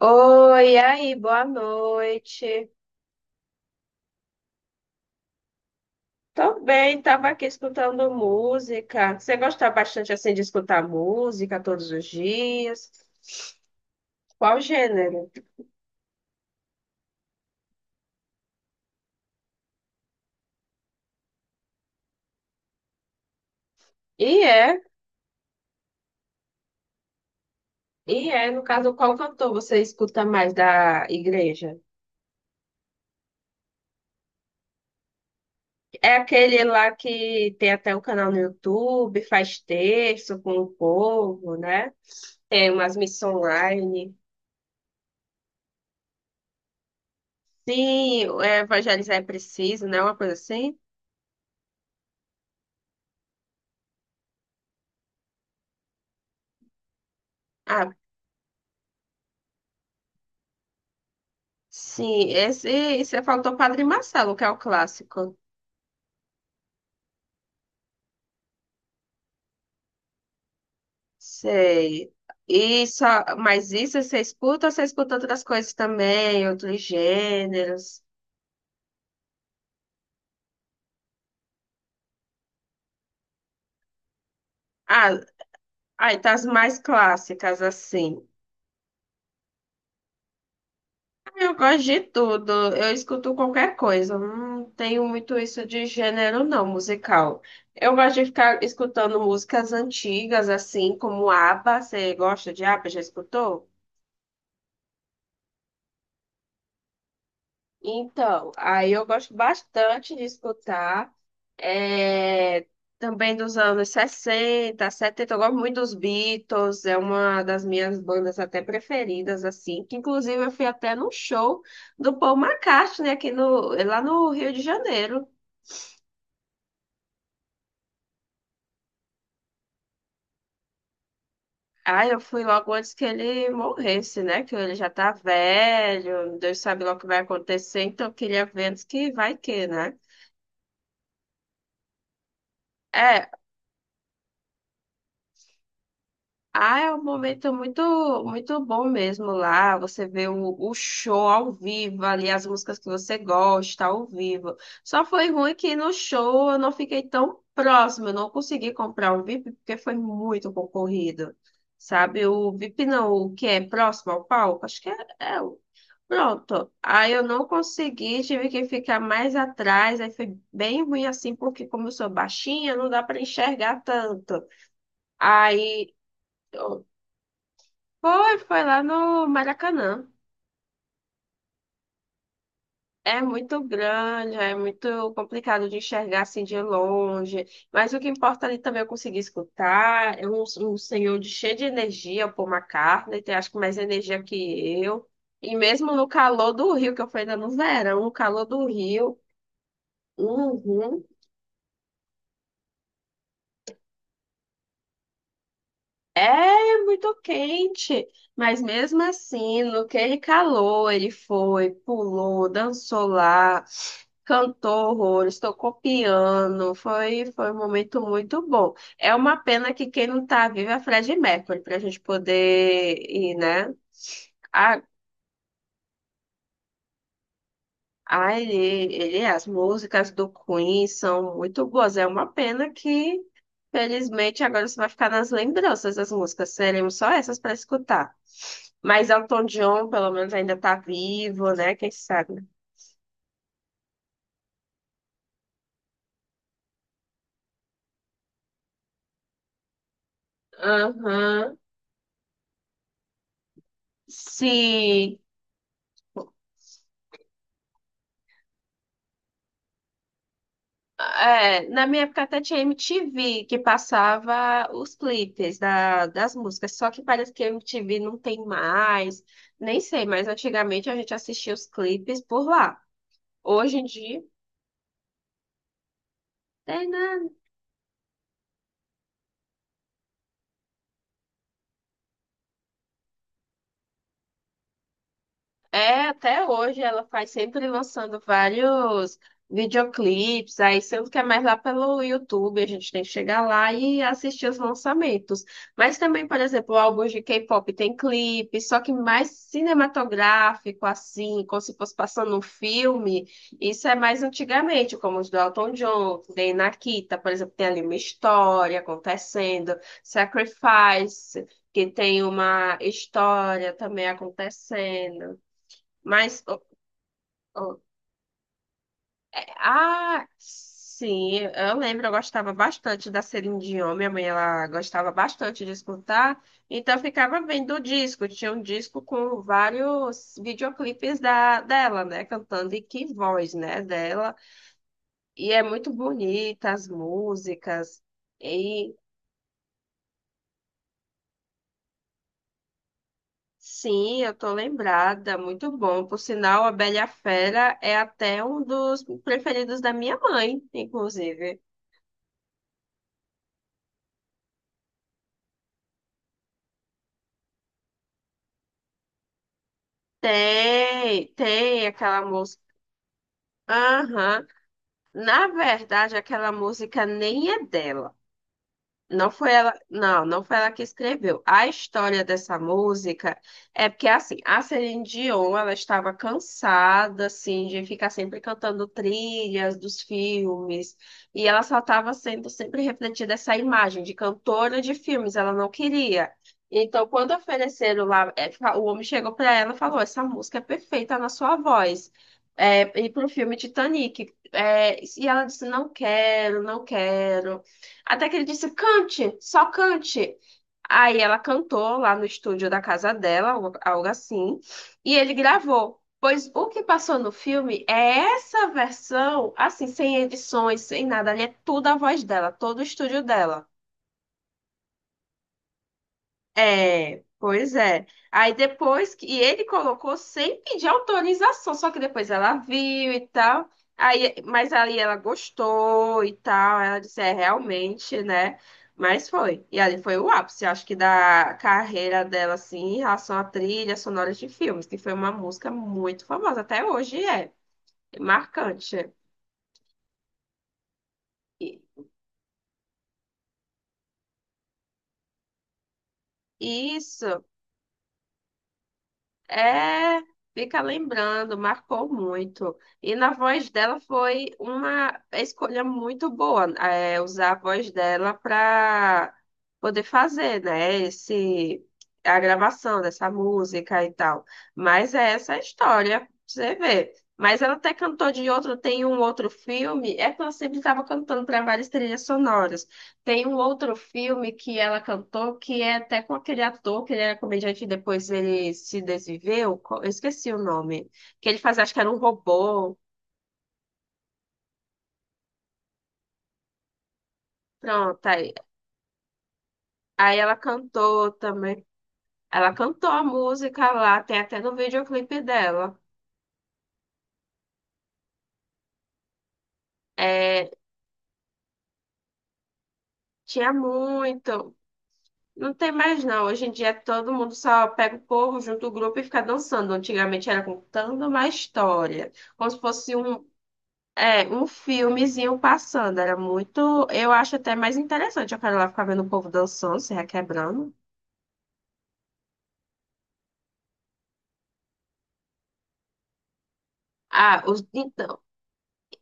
Oi, e aí, boa noite. Tô bem, tava aqui escutando música. Você gosta bastante assim de escutar música todos os dias? Qual gênero? E é, e é, no caso, qual cantor você escuta mais da igreja? É aquele lá que tem até um canal no YouTube, faz texto com o povo, né? Tem umas missões online. Sim, evangelizar é preciso, né? Uma coisa assim. Ah, sim, esse, você falou do Padre Marcelo, que é o clássico. Sei. E só, mas isso você escuta ou você escuta outras coisas também, outros gêneros? Ah, aí tá as mais clássicas, assim. Ah, eu gosto de tudo, eu escuto qualquer coisa. Eu não tenho muito isso de gênero, não, musical. Eu gosto de ficar escutando músicas antigas, assim, como ABBA. Você gosta de ABBA? Já escutou? Então, aí eu gosto bastante de escutar. É, também dos anos 60, 70, eu gosto muito dos Beatles, é uma das minhas bandas até preferidas, assim, que inclusive eu fui até no show do Paul McCartney aqui no, lá no Rio de Janeiro. Ah, eu fui logo antes que ele morresse, né? Que ele já tá velho, Deus sabe lá o que vai acontecer, então eu queria ver antes que vai que, né? É, ah, é um momento muito, muito bom mesmo lá. Você vê o show ao vivo ali, as músicas que você gosta ao vivo. Só foi ruim que no show eu não fiquei tão próximo, eu não consegui comprar o VIP porque foi muito concorrido. Sabe, o VIP não, o que é próximo ao palco, acho que é, é o. Pronto. Aí eu não consegui, tive que ficar mais atrás, aí foi bem ruim assim, porque como eu sou baixinha, não dá para enxergar tanto. Aí foi, foi lá no Maracanã. É muito grande, é muito complicado de enxergar assim de longe. Mas o que importa ali também é eu consegui escutar. É um, um senhor de- cheio de energia, o Paul McCartney, tem acho que mais energia que eu. E mesmo no calor do Rio, que eu fui ainda no verão, no calor do Rio, uhum. É, é muito quente, mas mesmo assim, no que ele calou, ele foi, pulou, dançou lá, cantou horrores, tocou piano, foi, foi um momento muito bom. É uma pena que quem não tá vivo é a Freddie Mercury, pra gente poder ir, né? Ah. Ah, ele, as músicas do Queen são muito boas. É uma pena que, felizmente, agora você vai ficar nas lembranças das músicas. Teremos só essas para escutar. Mas Elton John, pelo menos, ainda está vivo, né? Quem sabe? Aham. Sim. É, na minha época até tinha MTV que passava os clipes da- das músicas, só que parece que a MTV não tem mais, nem sei, mas antigamente a gente assistia os clipes por lá. Hoje em dia, tem, né? É, até hoje ela faz sempre lançando vários videoclipes, aí sendo que é mais lá pelo YouTube, a gente tem que chegar lá e assistir os lançamentos. Mas também, por exemplo, álbuns de K-pop tem clipe, só que mais cinematográfico, assim, como se fosse passando um filme. Isso é mais antigamente, como os do Elton John, tem Nakita, por exemplo, tem ali uma história acontecendo, Sacrifice, que tem uma história também acontecendo. Mas, oh, ah, sim, eu lembro, eu gostava bastante da Celine Dion, minha mãe, ela gostava bastante de escutar, então eu ficava vendo o disco, tinha um disco com vários videoclipes da, dela, né, cantando, e que voz, né, dela, e é muito bonita as músicas, e sim, eu tô lembrada, muito bom, por sinal, a Bela e a Fera é até um dos preferidos da minha mãe, inclusive. Tem, tem aquela música. Aham. Na verdade, aquela música nem é dela. Não foi ela, não, não foi ela que escreveu. A história dessa música é porque assim, a Celine Dion, ela estava cansada assim de ficar sempre cantando trilhas dos filmes, e ela só estava sendo sempre refletida essa imagem de cantora de filmes, ela não queria. Então, quando ofereceram lá, é, o homem chegou para ela e falou: "Essa música é perfeita na sua voz." É, e para o filme Titanic. É, e ela disse: Não quero, não quero. Até que ele disse: cante, só cante. Aí ela cantou lá no estúdio da casa dela, algo assim, e ele gravou. Pois o que passou no filme é essa versão, assim, sem edições, sem nada, ali é tudo a voz dela, todo o estúdio dela. É, pois é. Aí depois que ele colocou sem pedir autorização, só que depois ela viu e tal. Aí, mas aí ela gostou e tal. Ela disse, é realmente, né? Mas foi. E ali foi o ápice, acho que da carreira dela, assim, em relação à trilha sonora de filmes, que foi uma música muito famosa, até hoje é marcante. E- Isso. É, fica lembrando, marcou muito. E na voz dela foi uma escolha muito boa, é, usar a voz dela para poder fazer, né, esse, a gravação dessa música e tal. Mas é essa a história, pra você vê. Mas ela até cantou de outro, tem um outro filme, é que ela sempre estava cantando para várias trilhas sonoras. Tem um outro filme que ela cantou, que é até com aquele ator, que ele era comediante e depois ele se desviveu. Eu esqueci o nome. Que ele fazia, acho que era um robô. Pronto, aí, aí ela cantou também. Ela cantou a música lá, tem até no videoclipe dela. É, tinha muito. Não tem mais não. Hoje em dia todo mundo só pega o povo, junta o grupo e fica dançando. Antigamente era contando uma história, como se fosse um é, um filmezinho passando, era muito. Eu acho até mais interessante. Eu quero lá ficar vendo o povo dançando, se requebrando. Ah, os, então,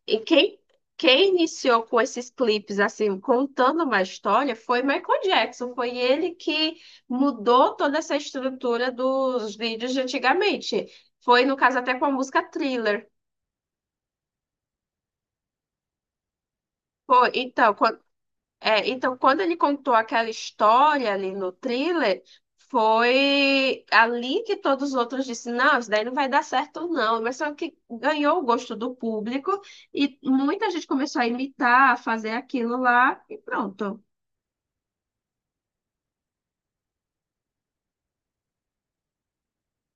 e quem, quem iniciou com esses clipes, assim, contando uma história, foi Michael Jackson. Foi ele que mudou toda essa estrutura dos vídeos de antigamente. Foi, no caso, até com a música Thriller. Foi, então, é, então, quando ele contou aquela história ali no thriller, foi ali que todos os outros disseram, não, isso daí não vai dar certo, não. Mas só que ganhou o gosto do público e muita gente começou a imitar, a fazer aquilo lá e pronto.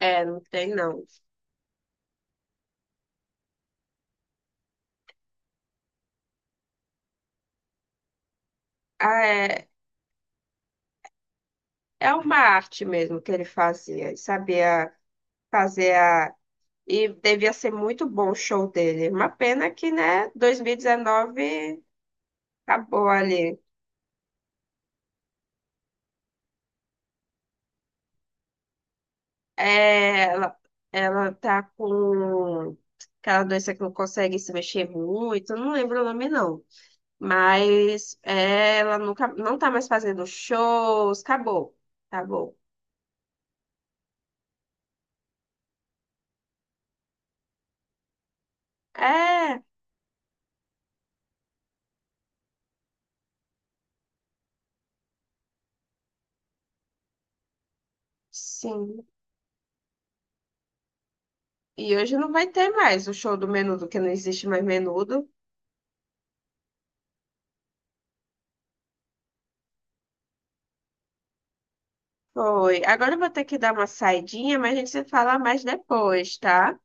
É, não tem não. É, é uma arte mesmo que ele fazia, ele sabia fazer a... E devia ser muito bom o show dele. Uma pena que, né, 2019 acabou ali. É, ela tá com aquela doença que não consegue se mexer muito, eu não lembro o nome não. Mas é, ela nunca, não tá mais fazendo shows, acabou, acabou. É, sim. E hoje não vai ter mais o show do Menudo, que não existe mais Menudo. Foi. Agora eu vou ter que dar uma saidinha, mas a gente se fala mais depois, tá?